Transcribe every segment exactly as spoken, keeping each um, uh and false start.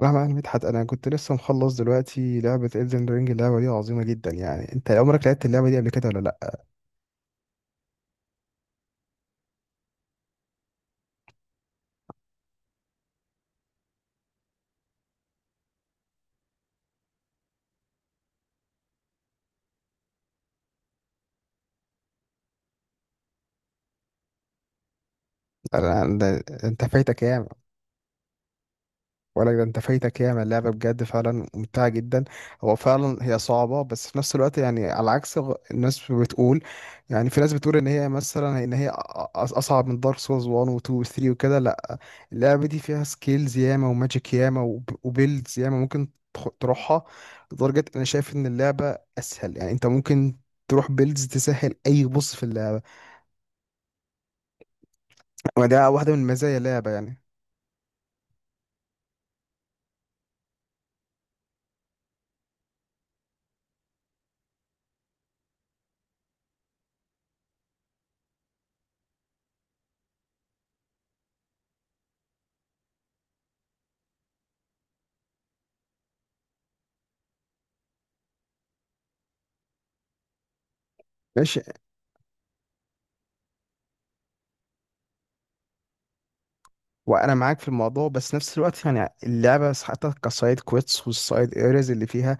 مهما يعني مدحت، انا كنت لسه مخلص دلوقتي لعبة Elden Ring. اللعبة دي عظيمة جدا. يعني انت عمرك لعبت اللعبة دي قبل كده ولا لا؟ انا أنا- انت فايتك ايه؟ ولا ده انت فايتك ياما؟ اللعبة بجد فعلا ممتعة جدا. هو فعلا هي صعبة، بس في نفس الوقت يعني على عكس غ- الناس بتقول. يعني في ناس بتقول ان هي مثلا ان هي أ- أ- اصعب من دارك سولز وان و تو و ثري وكده. لا، اللعبة دي فيها سكيلز ياما وماجيك ياما وب- وبيلدز ياما. ممكن تخ- تروحها، لدرجة انا شايف ان اللعبة اسهل. يعني انت ممكن تروح بيلدز تسهل. اي، بص في اللعبة، وده واحدة من مزايا اللعبة يعني. ماشي. وانا معاك في الموضوع، بس نفس الوقت يعني اللعبه حتى كسايد كويتس والسايد ايريز اللي فيها،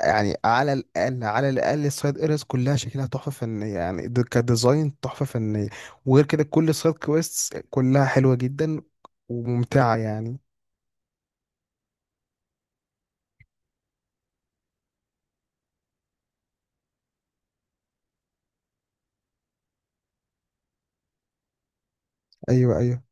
يعني على الاقل على الاقل السايد ايريز كلها شكلها تحفه فنيه. يعني د- كديزاين تحفه فنيه. وغير كده كل السايد كويتس كلها حلوه جدا وممتعه يعني. ايوه، ايوه.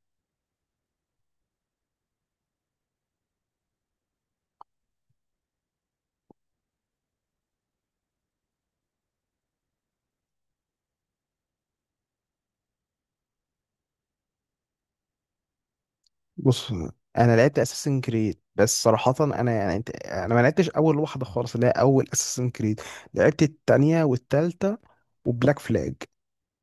بص، انا لعبت اساسن كريد، بس صراحه انا يعني انت انا ما لعبتش اول واحده خالص اللي هي اول اساسن كريد. لعبت التانية والتالتة وبلاك فلاج.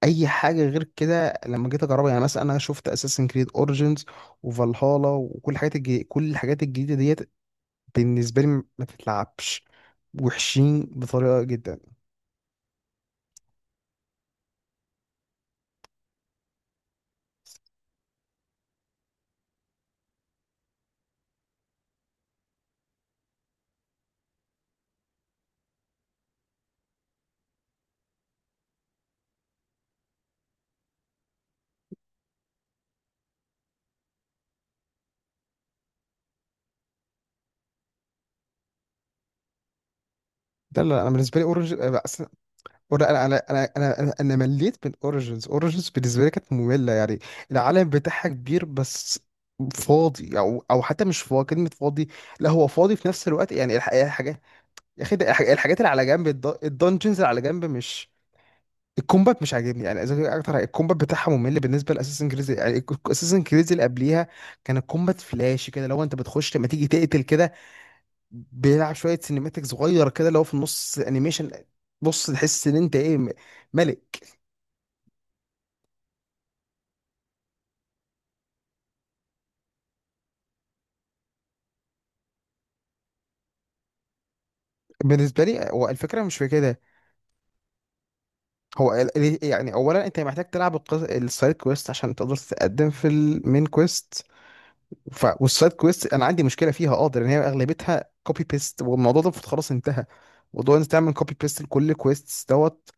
اي حاجه غير كده لما جيت اجربها، يعني مثلا انا شفت اساسن كريد اوريجينز وفالهالا وكل الحاجات الجديدة. كل الحاجات الجديده ديت بالنسبه لي ما تتلعبش، وحشين بطريقه جدا. ده لا، انا بالنسبه لي اوريجينز اصلا. انا انا انا انا انا أنا مليت من اوريجينز. اوريجينز بالنسبه لي كانت ممله يعني، العالم بتاعها كبير بس فاضي. او او حتى مش فاضي، كلمه فاضي، لا هو فاضي في نفس الوقت. يعني الحاجات الحاجات يا أخي، ده الحاجات اللي على جنب الد- الدنجنز اللي على جنب مش. الكومبات مش عاجبني، يعني إذا كان اكتر الكومبات بتاعها ممل بالنسبه لاساسن كريز يعني، اساسن كريز اللي قبليها كان الكومبات فلاش كده. لو انت بتخش لما تيجي تقتل كده، بيلعب شويه سينيماتيك صغيره كده، لو في النص انيميشن، بص تحس ان انت ايه، م- ملك. بالنسبه لي هو الفكره مش في كده. هو ال- ال- يعني اولا انت محتاج تلعب القص- السايد كويست عشان تقدر تتقدم في المين كويست. ف... والسايد كويست انا عندي مشكله فيها، اه ده، لان هي اغلبيتها كوبي بيست، والموضوع ده المفروض خلاص انتهى. موضوع انك تعمل كوبي بيست لكل كويست دوت،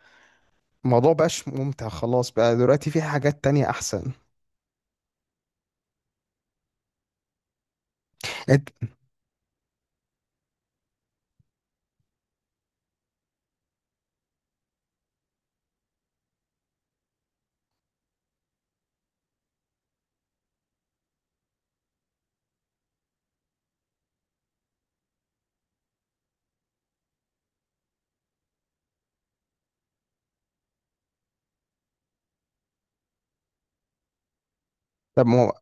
الموضوع بقاش ممتع. خلاص بقى، دلوقتي في حاجات تانية احسن. انت. طب ما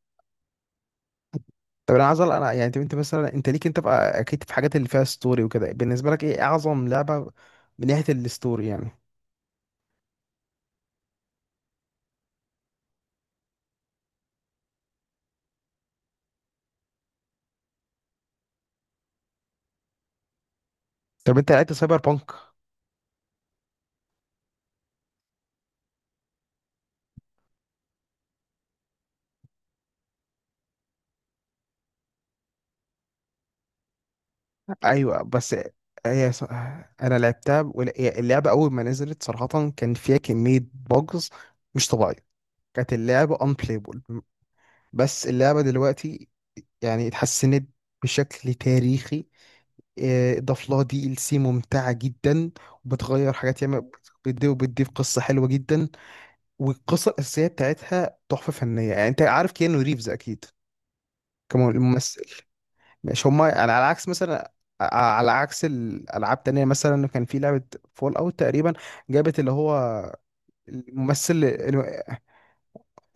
طب انا عايز أقول- انا يعني انت أنت مثلا انت ليك، انت بقى اكيد في حاجات اللي فيها ستوري وكده. بالنسبه لك ايه اعظم لعبه من ناحيه الستوري يعني؟ طب انت لعبت سايبر بانك؟ ايوه بس هي ص- انا لعبتها. وال- هي اللعبه اول ما نزلت صراحه كان فيها كميه بوجز مش طبيعيه. كانت اللعبة unplayable. بس اللعبة دلوقتي يعني اتحسنت بشكل تاريخي. إيه، اضاف لها دي ال سي ممتعة جدا، وبتغير حاجات ياما. بتضيف بتضيف قصة حلوة جدا. والقصة الأساسية بتاعتها تحفة فنية. يعني أنت عارف كيانو ريفز أكيد كممثل. مش هما، يعني على عكس مثلا، ع- على عكس الألعاب تانية، مثلا كان في لعبة فول أوت تقريبا، جابت اللي هو الممثل،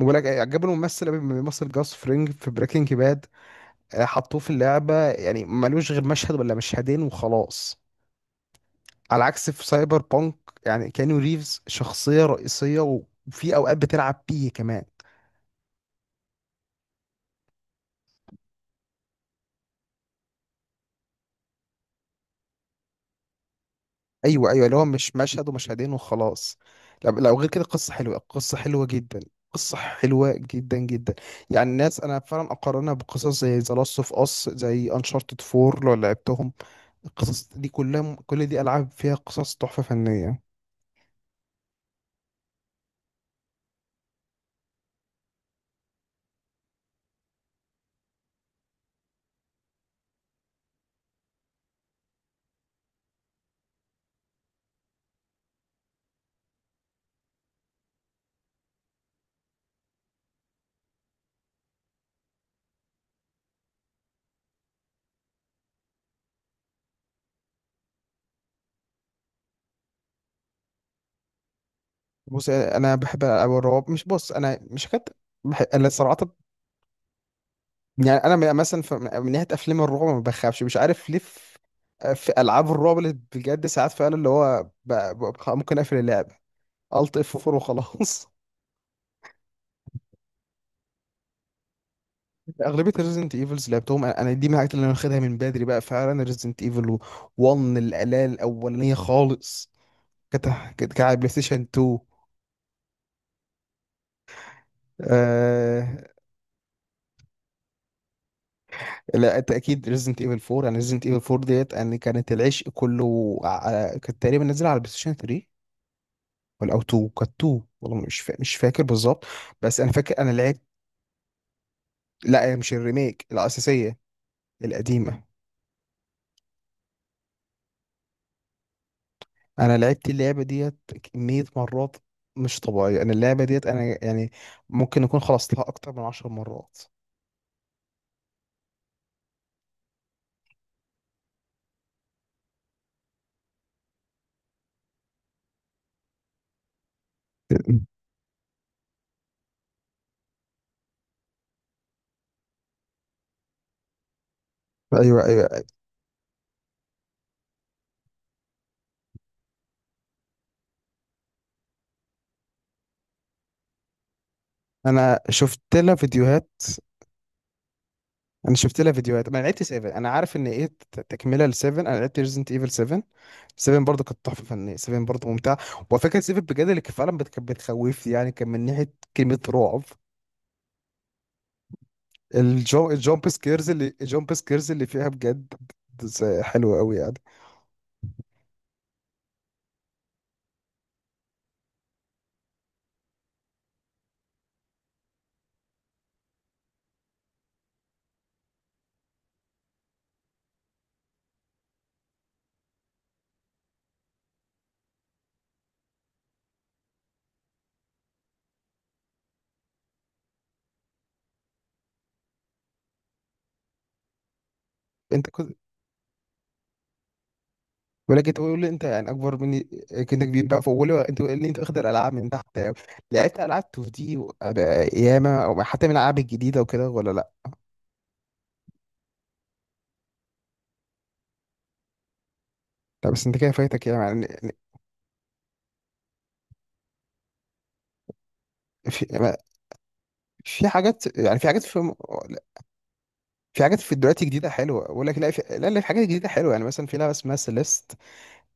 ولا عجبني الممثل قوي، بيمثل جاس فرينج في بريكنج باد، حطوه في اللعبة يعني ملوش غير مشهد ولا مشهدين وخلاص. على عكس في سايبر بانك، يعني كانيو ريفز شخصية رئيسية، وفي أوقات بتلعب بيه كمان. أيوه، أيوه، اللي هو مش مشهد ومشهدين وخلاص. لو لو غير كده قصة حلوة. قصة حلوة جدا. قصة حلوة جدا جدا. يعني الناس، أنا فعلا أقارنها بقصص زي ذا لاست أوف أس، زي أنشارتد فور لو لعبتهم. القصص دي كلها، كل دي ألعاب فيها قصص تحفة فنية. بص انا بحب أو الرعب مش، بص انا مش هكت. بحب انا صراحه. يعني انا مثلا ف- من ناحيه افلام الرعب ما بخافش، مش عارف ليه. في في العاب الرعب، اللي بجد ساعات فعلا اللي هو ب... ب... خ- ممكن اقفل اللعب، الت اف فور وخلاص. اغلبيه ريزنت ايفلز لعبتهم انا. أنا دي من الحاجات اللي انا واخدها من بدري بقى، فعلا ريزنت ايفل وان الاله الاولانيه خالص. كانت كانت على بلاي ستيشن تو. لا انت اكيد ريزنت ايفل فور، يعني ريزنت ايفل فور ديت يعني كانت العشق كله. ع- كانت تقريبا نازله على البلاي ستيشن ثري، ولا او تو. كانت تو والله، مش فا... مش فاكر بالظبط. بس انا فاكر انا لعبت. لا، هي مش الريميك الاساسيه. القديمه. انا لعبت اللعبه ديت كميه مرات مش طبيعيه. انا اللعبه ديت انا يعني ممكن اكون خلصتها اكتر من عشر مرات. ايوه، ايوه. انا شفت لها فيديوهات انا شفت لها فيديوهات. ما لعبت سفن. انا عارف ان ايه ت- تكمله ل سفن. انا لعبت ريزنت ايفل سفن. سفن برضه كانت تحفه فنيه. سفن برضه ممتعه. وفكره سبعة بجد، اللي كان فعلا بت- كانت بتخوفني يعني، كان من ناحيه كلمه رعب. الجو، الجامب سكيرز اللي الجامب سكيرز اللي فيها بجد، ز- حلوه قوي يعني. انت كنت، ولكن تقول لي انت، يعني اكبر مني، كنت كبير بقى، فقول لي انت اللي انت واخد الالعاب من تحت قوي؟ لعبت العاب تو دي و- ياما، او حتى من الالعاب الجديده وكده ولا لا؟ لا بس انت كده فايتك ياما يعني. يعني في في حاجات، يعني في حاجات في م- في حاجات، في دلوقتي جديده حلوه اقول لك. لا في لا لا، في حاجات جديده حلوه، يعني مثلا في لعبه اسمها سيليست.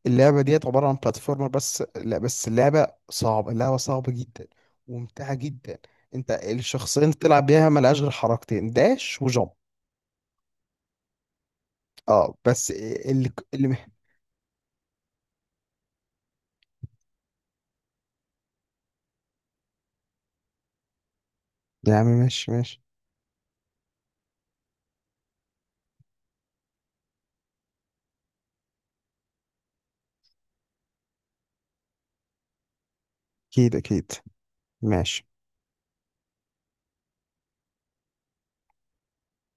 اللعبه ديت عباره عن بلاتفورمر. بس لا، بس اللعبه صعبه اللعبه صعبه جدا وممتعه جدا. انت الشخصين بتلعب بيها ملهاش غير حركتين، داش وجump. اه بس اللي اللي. يا عم، ماشي ماشي. اكيد، اكيد. ماشي.